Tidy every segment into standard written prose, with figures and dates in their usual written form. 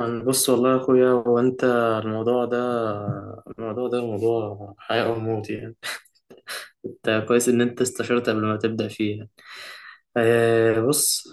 أنا بص والله يا اخويا هو انت. الموضوع ده الموضوع ده موضوع حياة او موت يعني. انت كويس ان انت استشرت قبل ما تبدأ فيها. بص،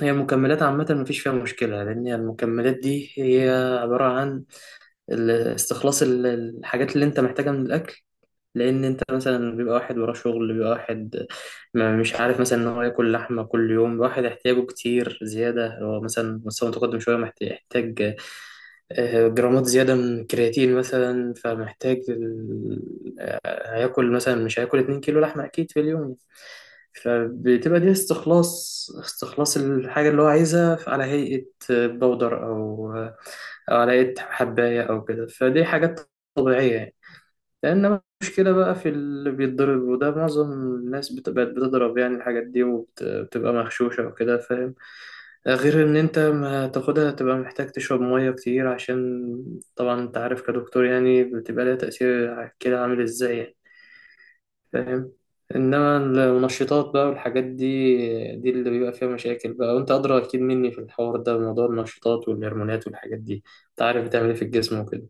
هي المكملات عامة مفيش فيها مشكلة، لأن المكملات دي هي عبارة عن استخلاص الحاجات اللي أنت محتاجها من الأكل. لان انت مثلا بيبقى واحد وراه شغل، بيبقى واحد ما مش عارف مثلا ان هو ياكل لحمه كل يوم، واحد احتياجه كتير زياده، هو مثلا مستوى متقدم شويه، محتاج جرامات زياده من الكرياتين مثلا، فمحتاج هياكل مثلا، مش هياكل 2 كيلو لحمه اكيد في اليوم. فبتبقى دي استخلاص الحاجه اللي هو عايزها على هيئه بودر او او على هيئه حبايه او كده، فدي حاجات طبيعيه يعني. لأن مشكلة بقى في اللي بيتضرب، وده معظم الناس بقت بتضرب يعني الحاجات دي، وبتبقى مغشوشة وكده، فاهم؟ غير إن أنت ما تاخدها، تبقى محتاج تشرب مية كتير، عشان طبعا أنت عارف كدكتور يعني بتبقى لها تأثير على الكلى عامل إزاي يعني، فاهم؟ إنما المنشطات بقى والحاجات دي، دي اللي بيبقى فيها مشاكل بقى، وأنت أدرى أكيد مني في الحوار ده، موضوع النشطات والهرمونات والحاجات دي أنت عارف بتعمل إيه في الجسم وكده.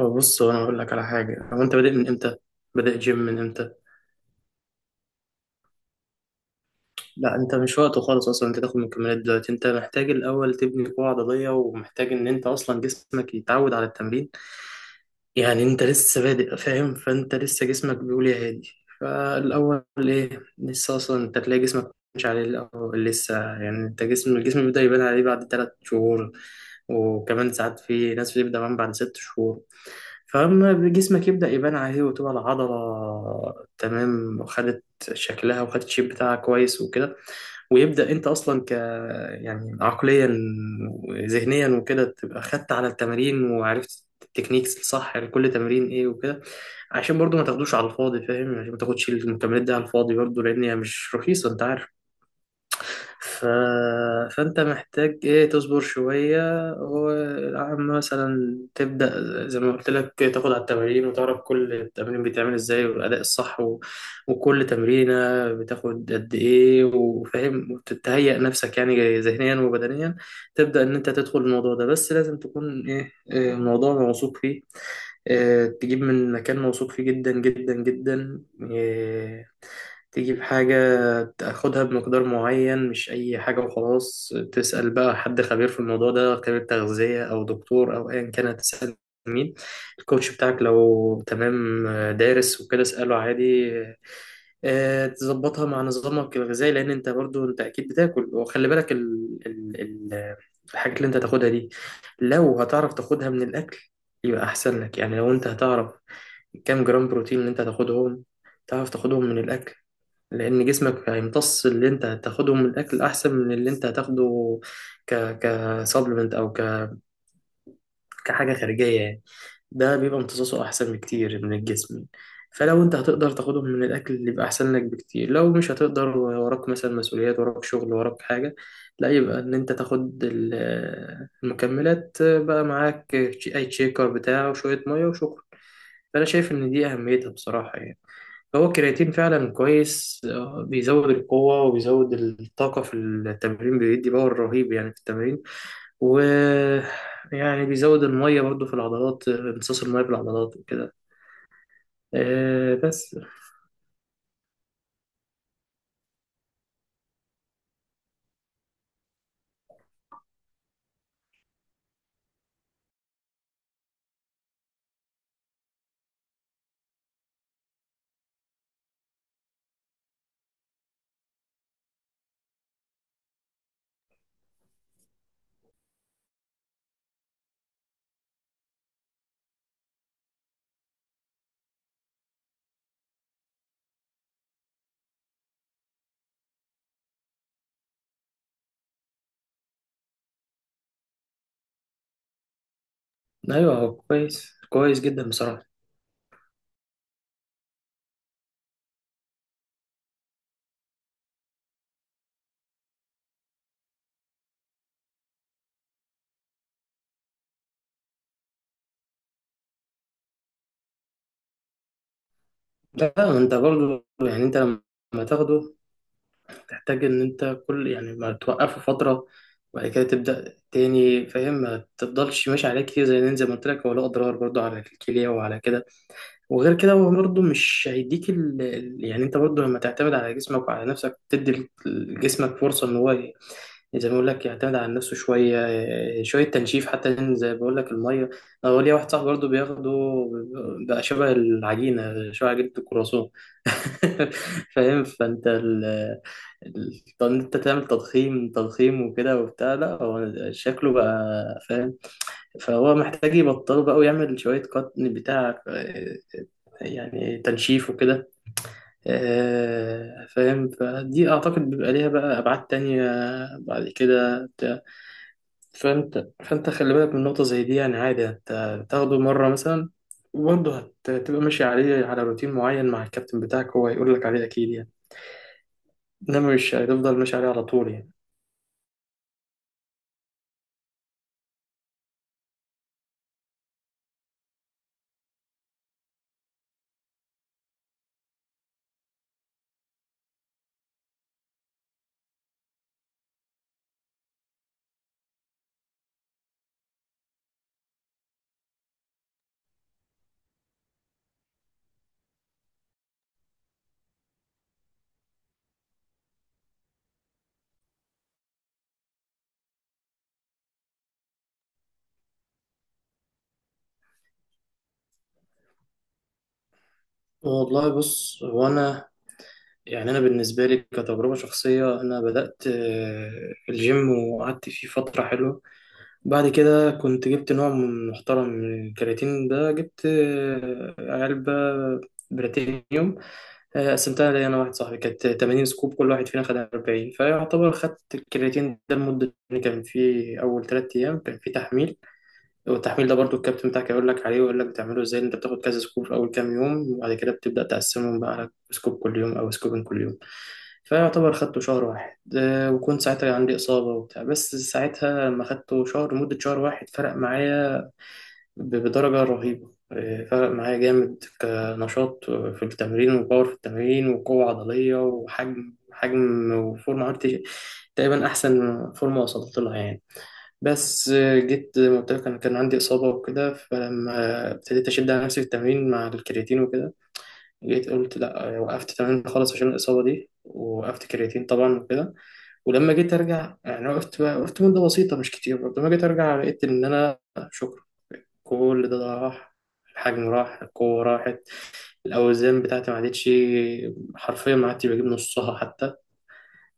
هو بص، هو انا اقول لك على حاجه، هو انت بادئ من امتى؟ بادئ جيم من امتى؟ لا انت مش وقته خالص اصلا انت تاخد مكملات دلوقتي. انت محتاج الاول تبني قوه عضليه، ومحتاج ان انت اصلا جسمك يتعود على التمرين. يعني انت لسه بادئ فاهم، فانت لسه جسمك بيقول يا هادي. فالاول ايه، لسه اصلا انت تلاقي جسمك مش عليه الاول، لسه يعني انت الجسم بيبدا يبان عليه بعد ثلاث شهور، وكمان ساعات في ناس بتبدا كمان بعد ست شهور. فاما جسمك يبدا يبان عليه، وتبقى العضله تمام، وخدت شكلها، وخدت الشيب بتاعها كويس وكده، ويبدأ انت اصلا يعني عقليا وذهنيا وكده تبقى خدت على التمارين، وعرفت التكنيكس الصح لكل تمرين ايه وكده. عشان برضو ما تاخدوش على الفاضي، فاهم؟ عشان ما تاخدش المكملات دي على الفاضي برضو، لان هي مش رخيصة، انت عارف. ف... فانت محتاج ايه، تصبر شوية، وعم مثلا تبدأ زي ما قلت لك، تاخد على التمارين وتعرف كل تمرين بيتعمل ازاي، والأداء الصح، وكل تمرينة بتاخد قد ايه، وفاهم، وتتهيأ نفسك يعني ذهنيا وبدنيا، تبدأ ان انت تدخل الموضوع ده. بس لازم تكون ايه، الموضوع موثوق فيه. تجيب من مكان موثوق فيه جدا جدا جدا. آه، تجيب حاجة تاخدها بمقدار معين، مش أي حاجة وخلاص. تسأل بقى حد خبير في الموضوع ده، خبير تغذية أو دكتور أو أيا كان. هتسأل مين؟ الكوتش بتاعك لو تمام دارس وكده اسأله عادي. تظبطها مع نظامك الغذائي، لأن أنت برضو أنت أكيد بتاكل. وخلي بالك ال الحاجات اللي أنت تاخدها دي، لو هتعرف تاخدها من الأكل يبقى أحسن لك. يعني لو أنت هتعرف كام جرام بروتين اللي أنت هتاخدهم، تعرف تاخدهم من الأكل، لأن جسمك هيمتص اللي أنت هتاخدهم من الأكل أحسن من اللي أنت هتاخده كسبلمنت أو كحاجة خارجية يعني. ده بيبقى امتصاصه أحسن بكتير من الجسم. فلو أنت هتقدر تاخدهم من الأكل، اللي يبقى أحسن لك بكتير. لو مش هتقدر، وراك مثلا مسؤوليات، وراك شغل، وراك حاجة، لا يبقى إن أنت تاخد المكملات بقى معاك، أي تشيكر بتاعه وشوية مية وشكرا. فأنا شايف إن دي أهميتها بصراحة يعني. هو الكرياتين فعلا كويس، بيزود القوة، وبيزود الطاقة في التمرين، بيدي باور رهيب يعني في التمرين. و يعني بيزود المية برضو في العضلات، امتصاص المية في العضلات وكده. آه، بس أيوه هو كويس كويس جدا بصراحة. لا أنت برضو يعني أنت لما تاخده، تحتاج إن أنت كل يعني ما توقفه فترة وبعد كده تبدأ تاني، فاهم؟ ما تفضلش ماشي عليه كتير زي نين، زي ما قلت لك هو له أضرار برضو على الكلية وعلى كده. وغير كده هو برضو مش هيديك يعني أنت برضو لما تعتمد على جسمك وعلى نفسك، تدي لجسمك فرصة إن هو زي ما بقول لك يعتمد على نفسه شويه، شويه تنشيف حتى، لأن زي ما بقول لك الميه، انا ليا واحد صاحبي برضه بياخده، بقى شبه العجينه، شبه عجينه الكرواسون. فاهم، فانت طب انت تعمل تضخيم وكده وبتاع، لا هو شكله بقى فاهم، فهو محتاج يبطله بقى ويعمل شويه قط، بتاع يعني تنشيف وكده. فاهم، فدي اعتقد بيبقى ليها بقى ابعاد تانية بعد كده. فانت خلي بالك من نقطة زي دي. يعني عادي انت تاخده مرة مثلا، وبرضه هتبقى ماشي عليه على روتين معين مع الكابتن بتاعك، هو هيقول لك عليه اكيد يعني. انما مش هتفضل ماشي عليه على طول يعني. والله بص، هو انا يعني انا بالنسبة لي كتجربة شخصية، انا بدأت الجيم وقعدت فيه فترة حلوة، بعد كده كنت جبت نوع محترم من الكرياتين، ده جبت علبة بريتينيوم، قسمتها لي انا واحد صاحبي، كانت 80 سكوب، كل واحد فينا خد 40. فيعتبر خدت الكرياتين ده لمده، إن كان في اول ثلاث ايام كان في تحميل، والتحميل ده برضو الكابتن بتاعك يقول لك عليه ويقول لك بتعمله ازاي، انت بتاخد كذا سكوب في اول كام يوم، وبعد كده بتبدا تقسمهم بقى على سكوب كل يوم او سكوبين كل يوم. فيعتبر خدته شهر واحد، وكنت ساعتها عندي اصابه وبتاع، بس ساعتها لما خدته شهر، مده شهر واحد، فرق معايا بدرجة رهيبة. فرق معايا جامد، كنشاط في التمرين، وباور في التمرين، وقوة عضلية، وحجم، وفورمة، عملت تقريبا أحسن فورمة وصلت لها يعني. بس جيت زي ما قلت لك أنا كان عندي إصابة وكده، فلما ابتديت أشد على نفسي في التمرين مع الكرياتين وكده، جيت قلت لأ. وقفت تمرين خالص عشان الإصابة دي، وقفت كرياتين طبعا وكده. ولما جيت أرجع يعني، وقفت وقفت مدة بسيطة مش كتير برضه، لما جيت أرجع لقيت إن أنا شكرا كل ده راح. الحجم راح، القوة راحت، الأوزان بتاعتي ما عادتش، حرفيا ما عادتش بجيب نصها حتى.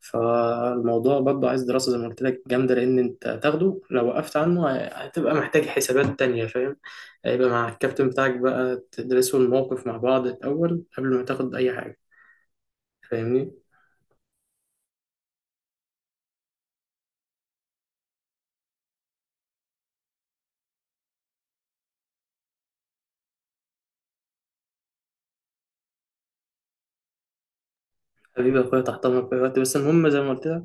فالموضوع برضه عايز دراسة زي ما قلت لك جامدة، لأن أنت تاخده لو وقفت عنه هتبقى محتاج حسابات تانية، فاهم؟ هيبقى مع الكابتن بتاعك بقى تدرسوا الموقف مع بعض الأول قبل ما تاخد أي حاجة، فاهمني. حبيبي يا أخويا تحت أمرك في أي وقت. بس المهم زي ما قلت لك،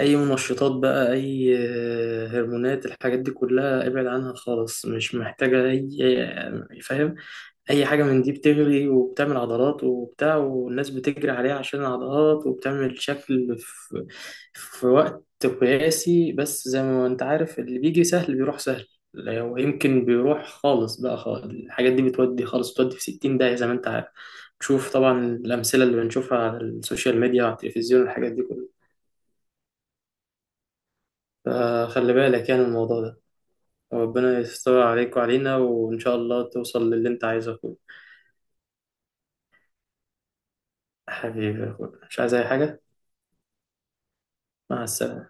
اي منشطات بقى، اي هرمونات، الحاجات دي كلها ابعد عنها خالص. مش محتاجة اي فاهم، اي حاجة من دي بتغلي وبتعمل عضلات وبتاع، والناس بتجري عليها عشان العضلات، وبتعمل شكل في في وقت قياسي، بس زي ما انت عارف اللي بيجي سهل بيروح سهل. لو يمكن بيروح خالص بقى خالص. الحاجات دي بتودي خالص، بتودي في 60 داهية زي ما انت عارف، تشوف طبعا الأمثلة اللي بنشوفها على السوشيال ميديا وعلى التلفزيون والحاجات دي كلها. فخلي بالك يعني من الموضوع ده. وربنا يستر عليك وعلينا، وإن شاء الله توصل للي أنت عايزه يا أخويا. حبيبي يا أخويا، مش عايز أي حاجة. مع السلامة.